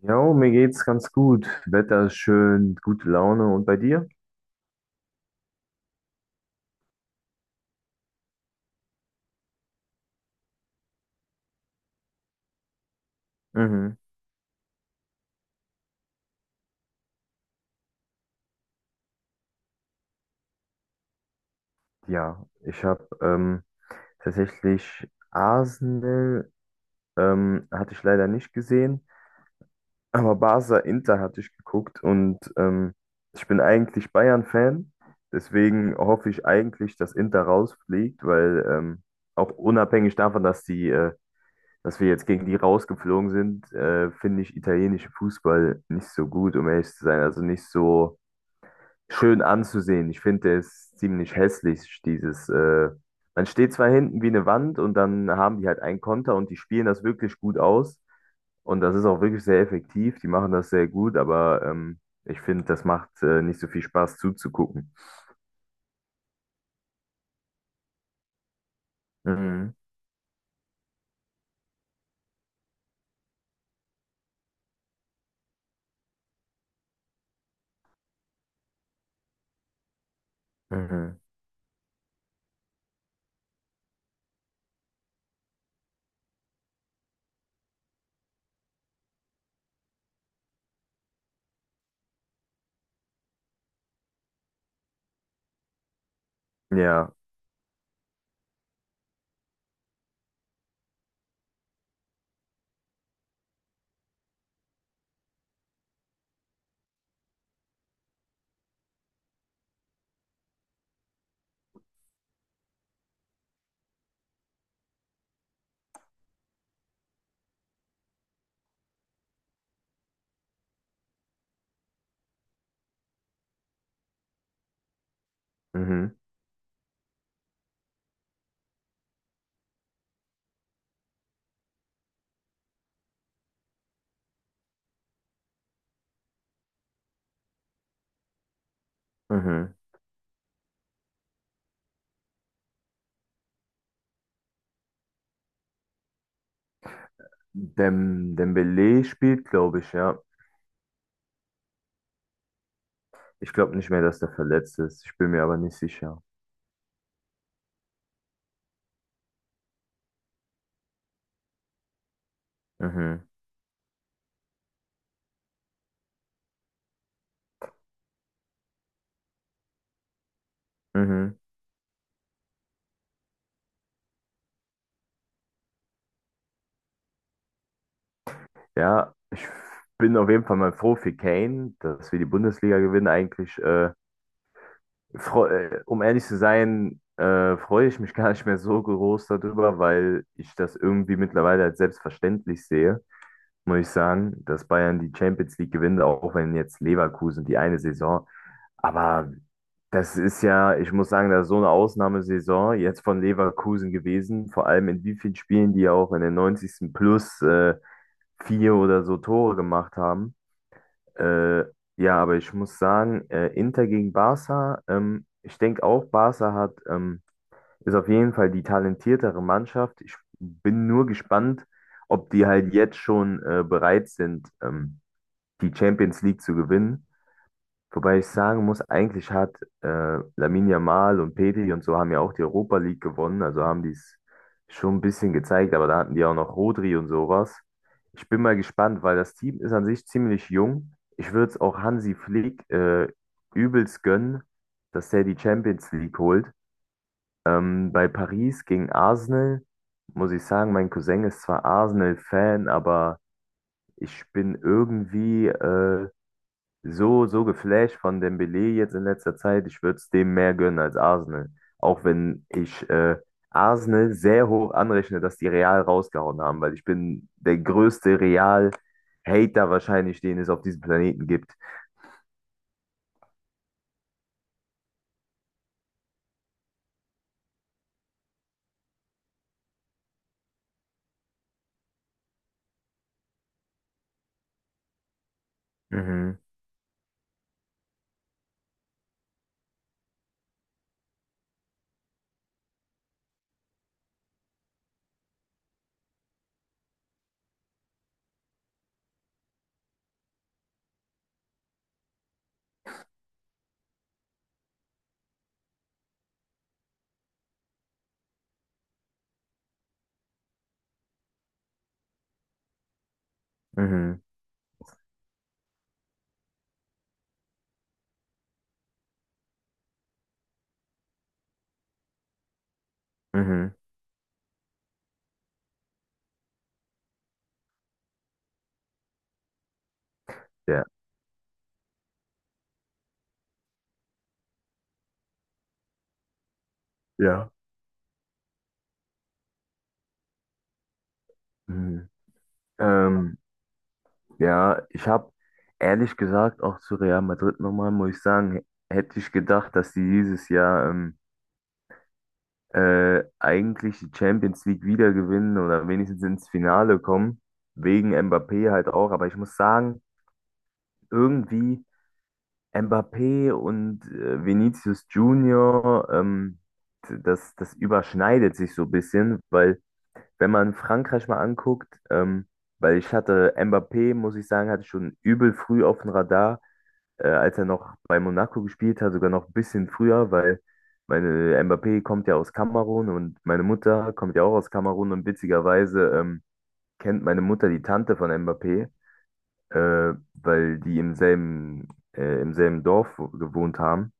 Jo, mir geht's ganz gut. Wetter ist schön, gute Laune. Und bei dir? Mhm. Ja, ich habe tatsächlich Arsenal, hatte ich leider nicht gesehen, aber Barca Inter hatte ich geguckt und ich bin eigentlich Bayern-Fan, deswegen hoffe ich eigentlich, dass Inter rausfliegt, weil auch unabhängig davon, dass wir jetzt gegen die rausgeflogen sind, finde ich italienischen Fußball nicht so gut, um ehrlich zu sein. Also nicht so schön anzusehen. Ich finde, der ist ziemlich hässlich, man steht zwar hinten wie eine Wand und dann haben die halt einen Konter und die spielen das wirklich gut aus. Und das ist auch wirklich sehr effektiv. Die machen das sehr gut, aber ich finde, das macht nicht so viel Spaß zuzugucken. Mhm. Mhm. Ja. Mhm. Mhm. Dembele spielt, glaube ich, ja. Ich glaube nicht mehr, dass der verletzt ist. Ich bin mir aber nicht sicher. Mhm. Mhm. Ja, ich bin auf jeden Fall mal froh für Kane, dass wir die Bundesliga gewinnen. Um ehrlich zu sein, freue ich mich gar nicht mehr so groß darüber, weil ich das irgendwie mittlerweile als selbstverständlich sehe, muss ich sagen, dass Bayern die Champions League gewinnt, auch wenn jetzt Leverkusen die eine Saison. Aber das ist ja, ich muss sagen, das ist so eine Ausnahmesaison jetzt von Leverkusen gewesen, vor allem in wie vielen Spielen die auch in den neunzigsten plus vier oder so Tore gemacht haben. Äh, ja, aber ich muss sagen, Inter gegen Barca, ich denke auch, Barca ist auf jeden Fall die talentiertere Mannschaft. Ich bin nur gespannt, ob die halt jetzt schon bereit sind, die Champions League zu gewinnen. Wobei ich sagen muss, eigentlich hat Lamine Yamal und Pedri und so haben ja auch die Europa League gewonnen, also haben die es schon ein bisschen gezeigt, aber da hatten die auch noch Rodri und sowas. Ich bin mal gespannt, weil das Team ist an sich ziemlich jung. Ich würde es auch Hansi Flick übelst gönnen, dass der die Champions League holt. Bei Paris gegen Arsenal muss ich sagen, mein Cousin ist zwar Arsenal-Fan, aber ich bin irgendwie so geflasht von Dembélé jetzt in letzter Zeit. Ich würde es dem mehr gönnen als Arsenal. Auch wenn ich Arsenal sehr hoch anrechne, dass die Real rausgehauen haben, weil ich bin der größte Real-Hater wahrscheinlich, den es auf diesem Planeten gibt. Mhm, mhm, mhm. Ja, ja. Mhm. Ähm, ja, ich habe ehrlich gesagt auch zu Real Madrid nochmal, muss ich sagen, hätte ich gedacht, dass sie dieses Jahr eigentlich die Champions League wieder gewinnen oder wenigstens ins Finale kommen, wegen Mbappé halt auch. Aber ich muss sagen, irgendwie Mbappé und Vinicius Junior, das überschneidet sich so ein bisschen, weil wenn man Frankreich mal anguckt, weil ich hatte Mbappé, muss ich sagen, hatte ich schon übel früh auf dem Radar als er noch bei Monaco gespielt hat, sogar noch ein bisschen früher, weil meine Mbappé kommt ja aus Kamerun und meine Mutter kommt ja auch aus Kamerun und witzigerweise kennt meine Mutter die Tante von Mbappé, weil die im selben Dorf gewohnt haben.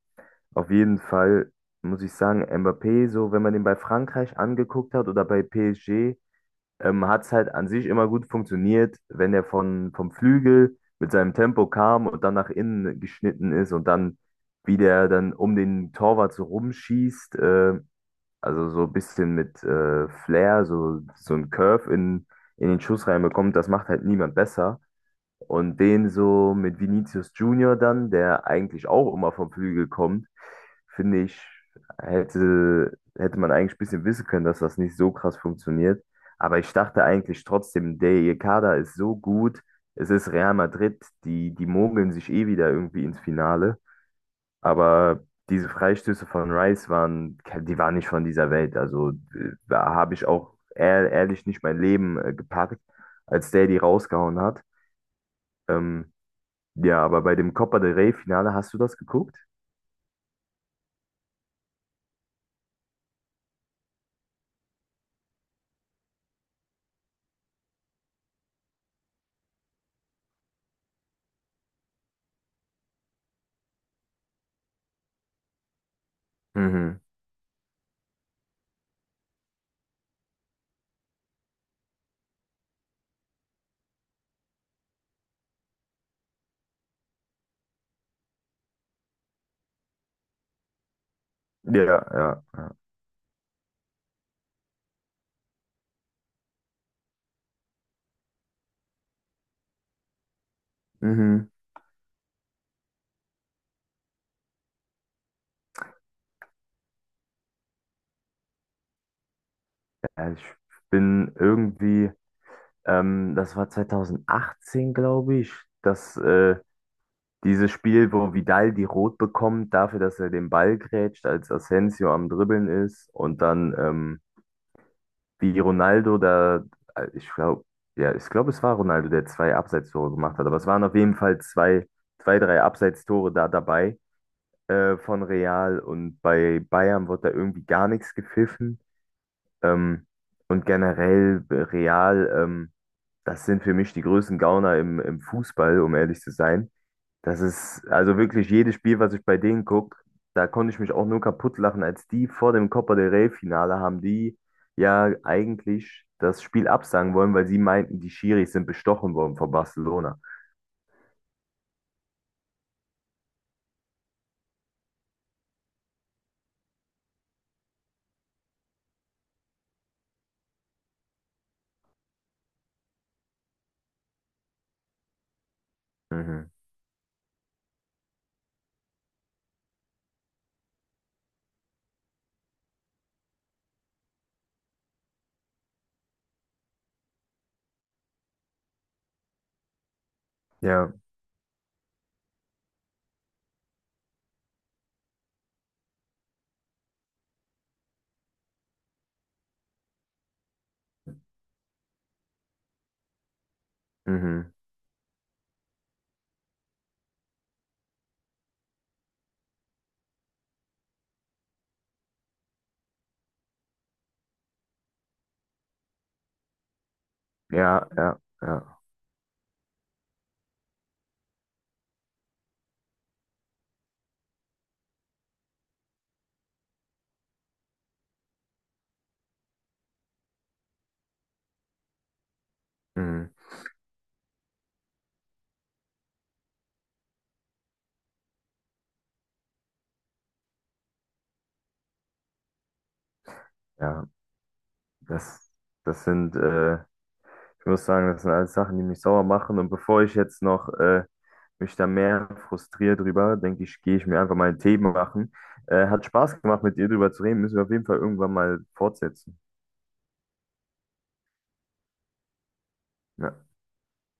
Auf jeden Fall muss ich sagen, Mbappé, so wenn man den bei Frankreich angeguckt hat oder bei PSG, hat es halt an sich immer gut funktioniert, wenn er vom Flügel mit seinem Tempo kam und dann nach innen geschnitten ist und dann, wie der dann um den Torwart so rumschießt, also so ein bisschen mit Flair, so ein Curve in den Schuss reinbekommt, das macht halt niemand besser. Und den so mit Vinicius Junior dann, der eigentlich auch immer vom Flügel kommt, finde ich, hätte man eigentlich ein bisschen wissen können, dass das nicht so krass funktioniert. Aber ich dachte eigentlich trotzdem, der ihr Kader ist so gut. Es ist Real Madrid, die mogeln sich eh wieder irgendwie ins Finale. Aber diese Freistöße von Rice waren, die waren nicht von dieser Welt. Also da habe ich auch ehrlich nicht mein Leben gepackt, als der die rausgehauen hat. Ähm, ja, aber bei dem Copa del Rey-Finale hast du das geguckt? Mhm. Ja, ja, ja. Mhm. Ja, ich bin irgendwie, das war 2018, glaube ich, dass dieses Spiel, wo Vidal die Rot bekommt, dafür, dass er den Ball grätscht, als Asensio am Dribbeln ist und dann wie Ronaldo da, äh, ich glaube, ja, ich glaube, es war Ronaldo, der zwei Abseitstore gemacht hat, aber es waren auf jeden Fall zwei, zwei, drei Abseitstore da dabei von Real und bei Bayern wird da irgendwie gar nichts gepfiffen. Ähm, und generell Real, das sind für mich die größten Gauner im Fußball, um ehrlich zu sein. Das ist also wirklich jedes Spiel, was ich bei denen gucke, da konnte ich mich auch nur kaputt lachen, als die vor dem Copa del Rey-Finale haben die ja eigentlich das Spiel absagen wollen, weil sie meinten, die Schiris sind bestochen worden von Barcelona. Mhm. Ja, mhm. Ja, ja, ja. Mhm. Ja, das, das sind, ich muss sagen, das sind alles Sachen, die mich sauer machen. Und bevor ich jetzt noch mich da mehr frustriere drüber, denke ich, gehe ich mir einfach mal einen Tee machen. Hat Spaß gemacht, mit dir drüber zu reden. Müssen wir auf jeden Fall irgendwann mal fortsetzen. Ja.